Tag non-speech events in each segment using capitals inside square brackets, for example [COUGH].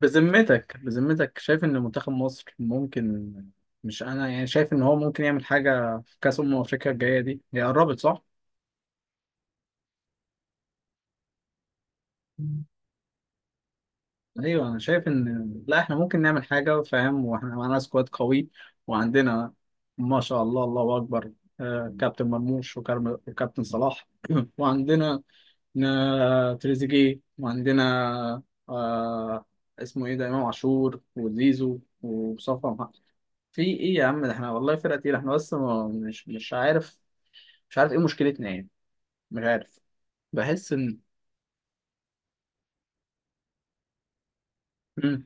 بذمتك شايف ان منتخب مصر ممكن؟ مش انا يعني شايف ان هو ممكن يعمل حاجه في كاس افريقيا الجايه دي، هي قربت صح؟ ايوه انا شايف ان لا احنا ممكن نعمل حاجه، فاهم؟ واحنا معانا سكواد قوي وعندنا ما شاء الله الله اكبر. كابتن مرموش وكابتن صلاح [CLEARS THROAT] وعندنا تريزيجيه وعندنا آه، اسمه ايه ده، امام عاشور وزيزو ومصطفى. في ايه يا عم ده، احنا والله فرقة تقيلة احنا، بس مش عارف، مش عارف ايه مشكلتنا يعني، مش عارف، بحس ان. مم.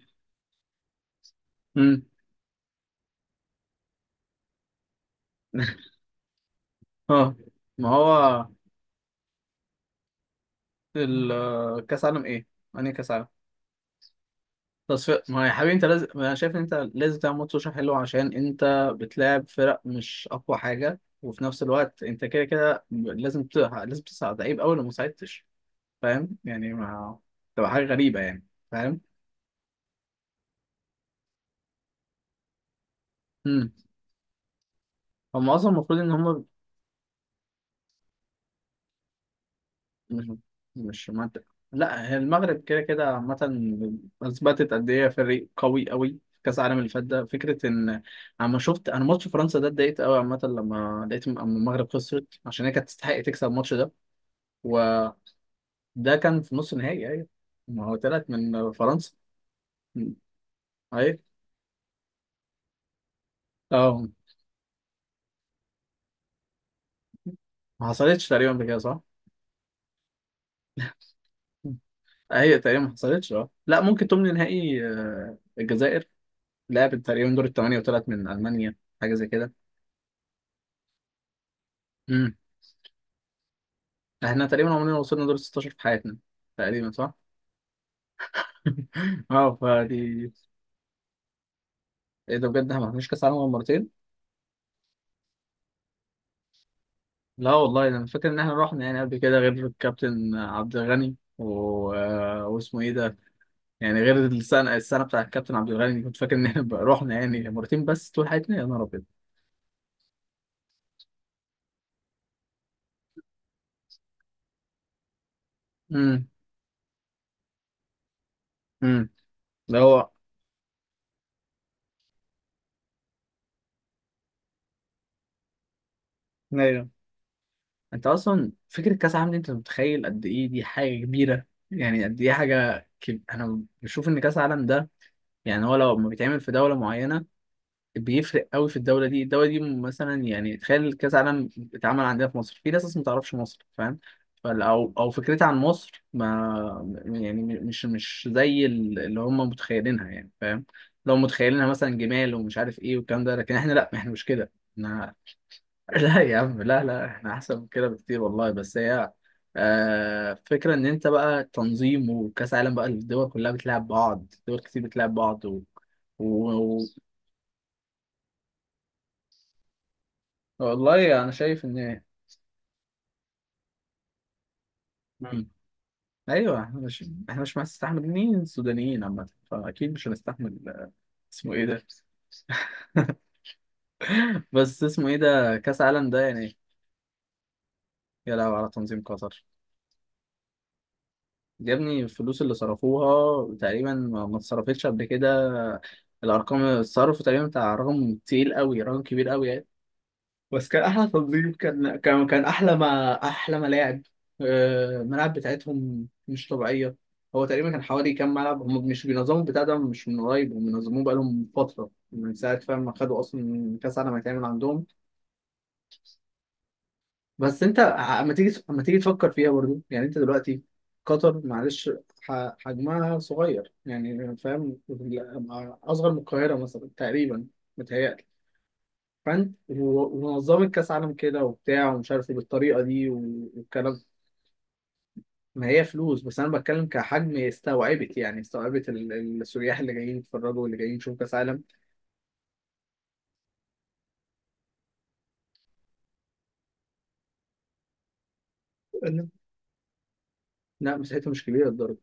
مم. [LAUGHS] اه ما هو كاس عالم ايه؟ يعني كاس عالم تصفيق، ما هو يا حبيبي انت لازم، انا شايف ان انت لازم تعمل ماتش سوشيال حلو، عشان انت بتلاعب فرق مش اقوى حاجة، وفي نفس الوقت انت كده كده لازم لازم تصعد. عيب قوي لو ما صعدتش، فاهم يعني؟ ما تبقى حاجة غريبة يعني، فاهم؟ مم. هم اصلا المفروض ان هم. مهم. مش منطق. لا هي المغرب كده كده عامة اثبتت قد ايه فريق قوي قوي في كاس العالم اللي فات ده، فكرة ان اما شفت انا ماتش فرنسا ده اتضايقت قوي عامة، لما لقيت اما المغرب خسرت، عشان هي كانت تستحق تكسب الماتش ده. وده كان في نص نهائي، ايوه ما هو تلات من فرنسا. ايوه اه. ما حصلتش تقريبا بكده صح؟ هي تقريبا ما حصلتش، اه لا ممكن تمن نهائي. الجزائر لعبت تقريبا دور الثمانية وطلعت من المانيا حاجة زي كده. احنا تقريبا عمرنا ما وصلنا دور 16 في حياتنا تقريبا صح؟ [LAUGHS] اه فدي. ايه ده بجد، احنا ما رحناش كاس عالم غير مرتين؟ لا والله انا فاكر ان احنا رحنا يعني قبل كده غير الكابتن عبد الغني واسمه ايه ده؟ يعني غير السنه بتاع الكابتن عبد الغني كنت فاكر ان احنا بقى رحنا يعني مرتين بس طول حياتنا، يا نهار ابيض. امم امم ده هو ايوه. انت اصلا فكره كاس العالم دي انت متخيل قد ايه، دي حاجه كبيره يعني، قد ايه حاجه انا بشوف ان كاس العالم ده يعني، هو لو ما بيتعمل في دوله معينه بيفرق قوي في الدوله دي، الدوله دي مثلا يعني تخيل كاس عالم اتعمل عندنا في مصر، في ناس اصلا ما تعرفش مصر، فاهم؟ او فكرتها عن مصر ما يعني مش زي اللي هم متخيلينها يعني، فاهم؟ لو متخيلينها مثلا جمال ومش عارف ايه والكلام ده، لكن احنا لا احنا مش كده، احنا [LAUGHS] لا يا عم لا، لا احنا احسن من كده بكتير والله. بس هي فكرة ان انت بقى تنظيم وكاس عالم بقى، الدول كلها بتلعب بعض، دول كتير بتلعب بعض و... والله انا شايف ان. مم. ايوه احنا مش مستحملين السودانيين عامه، فاكيد مش هنستحمل اسمه ايه ده. [LAUGHS] بس اسمه ايه ده، كاس عالم ده يعني. يا لهوي على تنظيم قطر. يا ابني الفلوس اللي صرفوها تقريبا ما اتصرفتش قبل كده. الارقام، الصرف تقريبا بتاع رقم تقيل قوي، رقم كبير قوي. بس كان احلى تنظيم، كان احلى، ما احلى ملاعب. الملاعب بتاعتهم مش طبيعيه. هو تقريبا كان حوالي كام ملعب، هم مش بينظموا البتاع ده مش من قريب، هم بينظموه بقالهم فتره من ساعه فاهم ما خدوا اصلا كاس عالم هيتعمل عندهم. بس انت اما تيجي، تفكر فيها برضو يعني، انت دلوقتي قطر معلش حجمها صغير يعني، فاهم؟ اصغر من القاهره مثلا تقريبا، متهيألي. فانت ومنظمة كاس عالم كده وبتاع ومش عارف إيه بالطريقة دي والكلام. ما هي فلوس، بس انا بتكلم كحجم استوعبت يعني، استوعبت السياح اللي جايين يتفرجوا واللي جايين يشوفوا كاس عالم. لا، لا، مساحتها مش كبيرة للدرجة.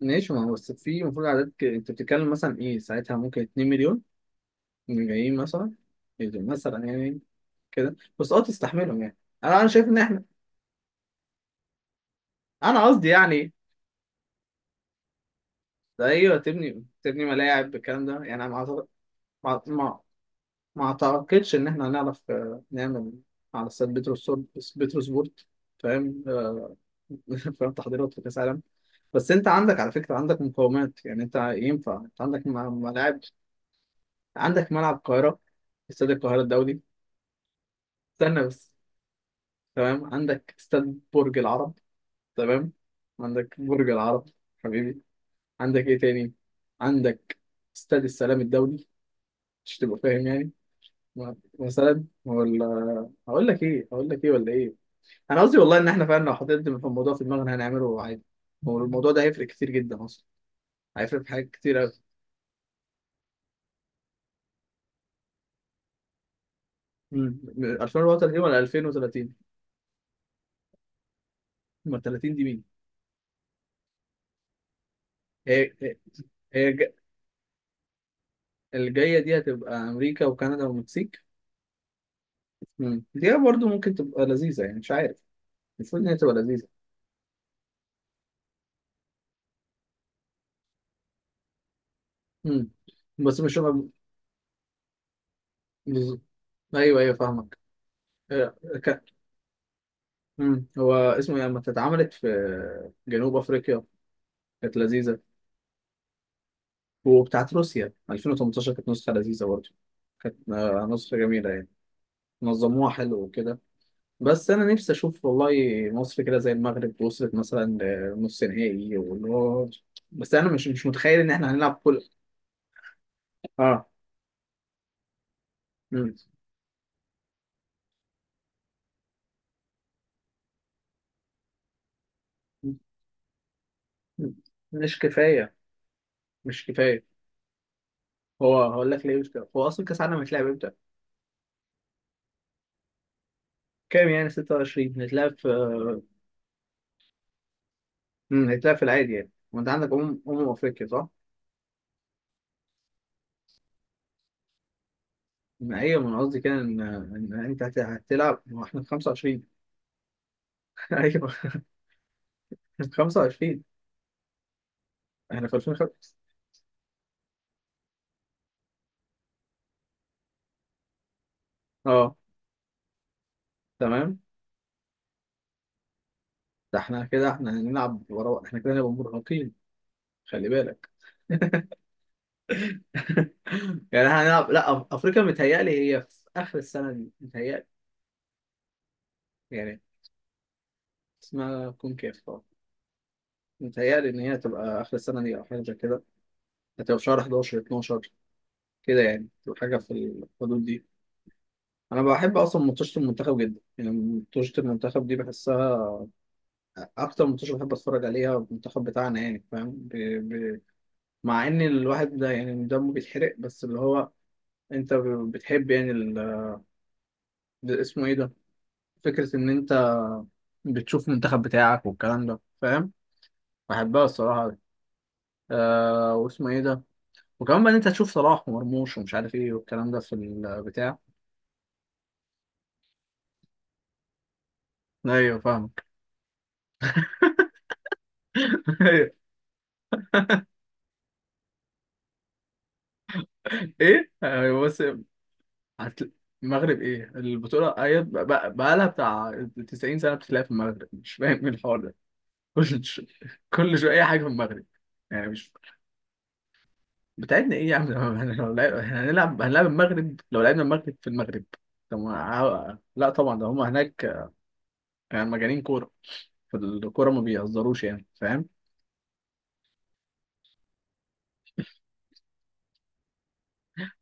ماشي ما هو بس في المفروض عدد انت بتتكلم مثلا ايه ساعتها، ممكن 2 مليون من جايين مثلا. إيه ده؟ مثلا يعني كده بس، اه تستحملهم يعني. انا شايف ان احنا، انا قصدي يعني ده. ايوه تبني، تبني ملاعب بالكلام ده يعني، انا مع... مع... ما اعتقدش ان احنا هنعرف نعمل على استاد بيتروسبورت، بيتروسبورت، فاهم؟ [LAUGHS] فاهم، تحضيرات في كاس العالم. بس انت عندك على فكره، عندك مقومات يعني، انت ينفع، انت عندك ملاعب، عندك ملعب القاهره، استاد القاهره الدولي. استنى بس، تمام، عندك استاد برج العرب، تمام، عندك برج العرب حبيبي، عندك ايه تاني، عندك استاد السلام الدولي. مش تبقى فاهم يعني، مثلا ولا، هقول لك ايه ولا ايه، انا قصدي والله ان احنا فعلا لو حطينا في الموضوع في دماغنا هنعمله عادي. هو الموضوع ده هيفرق كتير جدا اصلا، هيفرق في حاجات كتير قوي. 2034 ولا 2030؟ امال 30 دي مين؟ هي هي هي الجايه دي هتبقى امريكا وكندا والمكسيك. مم. دي برضو ممكن تبقى لذيذه يعني، مش عارف، المفروض ان هي تبقى لذيذه. مم. بس مش هبقى- بز- ايوه ايوه فاهمك. آه، ك... مم. هو اسمه إيه؟ لما اتعملت في جنوب افريقيا كانت لذيذه. وبتاعت روسيا 2018 كانت نسخة لذيذة برضه، كانت نسخة جميلة يعني، نظموها حلو وكده. بس أنا نفسي أشوف والله مصر كده زي المغرب، وصلت مثلا لنص نهائي واللي هو. بس أنا مش متخيل إن إحنا هنلعب كل. آه. مم. مم. مش كفاية، مش كفاية. هو هقول لك ليه مش كفاية، هو أصلا كأس العالم هيتلعب إمتى؟ كام يعني 26، هيتلعب في هيتلعب في العادي يعني، وأنت عندك أمم أفريقيا صح؟ أيوة، ما هي من قصدي كده ان انت هتلعب، ما احنا في 25، ايوه. [LAUGHS] 25، احنا في 2005، اه، تمام. ده احنا كده، احنا هنلعب ورا، احنا كده هنبقى مرهقين، خلي بالك. [LAUGHS] يعني احنا هنلعب لا افريقيا متهيألي هي في اخر السنه دي، متهيألي يعني اسمها كونكاف اه، متهيألي ان هي تبقى اخر السنه دي او حاجه زي كده، هتبقى في شهر 11، 12 كده يعني، تبقى حاجه في الحدود دي. انا بحب اصلا ماتشات المنتخب جدا يعني، ماتشات المنتخب دي بحسها اكتر ماتش بحب اتفرج عليها المنتخب بتاعنا يعني، فاهم؟ ب... مع ان الواحد ده يعني دمه بيتحرق، بس اللي هو انت بتحب يعني ده اسمه ايه ده، فكرة ان انت بتشوف المنتخب بتاعك والكلام ده، فاهم؟ بحبها الصراحة دي. واسمه ايه ده، وكمان بقى ان انت تشوف صلاح ومرموش ومش عارف ايه والكلام ده في البتاع. ايوه فاهمك. [LAUGHS] ايوه. ايه ايوه بس. هت- المغرب، ايه البطولة، ايوه بقى لها بتاع 90 سنة بتتلعب في المغرب، مش فاهم ايه الحوار ده. [LAUGHS] كل شو... كل شوية اي حاجة في المغرب، يعني مش بتاعتنا. ايه يا عم، [LAUGHS] إحنا هنلعب، المغرب، لو لعبنا المغرب في المغرب طب ما لا طبعا ده هم هناك، يعني مجانين كوره، في الكوره ما بيهزروش يعني، فاهم؟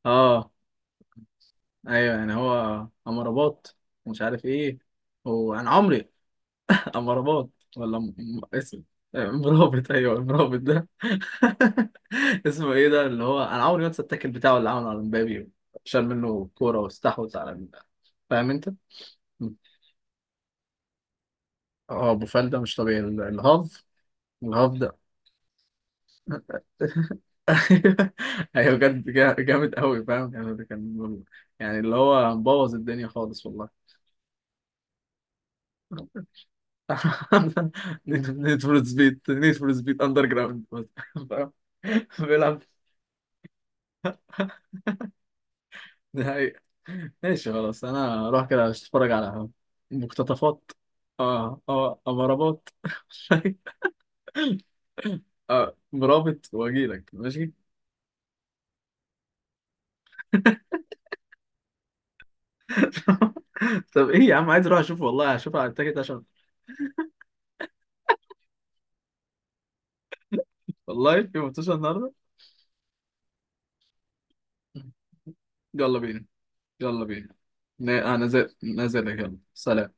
اه ايوه يعني، هو امرباط، مش عارف ايه، هو انا عمري. [LAUGHS] امرباط، ولا اسم، مرابط، ايوه المرابط ده. [LAUGHS] اسمه ايه ده اللي هو، انا عمري ما انسى التاكل بتاعه اللي عمله على مبابي، شال منه كوره واستحوذ على فاهم انت؟ اه، ابو فال ده مش طبيعي الهاف، الهبدة. [LAUGHS] أيوة، بجد جامد أوي، فاهم يعني؟ ده كان يعني اللي هو مبوظ الدنيا خالص والله. [LAUGHS] نيد فور سبيد، نيد فور سبيد أندر جراوند. [LAUGHS] فاهم، بيلعب نهائي. ماشي خلاص، أنا أروح كده أتفرج على مقتطفات. اه اه، أمرابات. [LAUGHS] اه مرابط، وأجيلك ماشي. [LAUGHS] طب إيه يا عم، عايز أروح أشوف والله، هشوف على التيكت عشان. والله في ماتش النهاردة، يلا بينا، يلا بينا، انا نازل لك. يلا، سلام.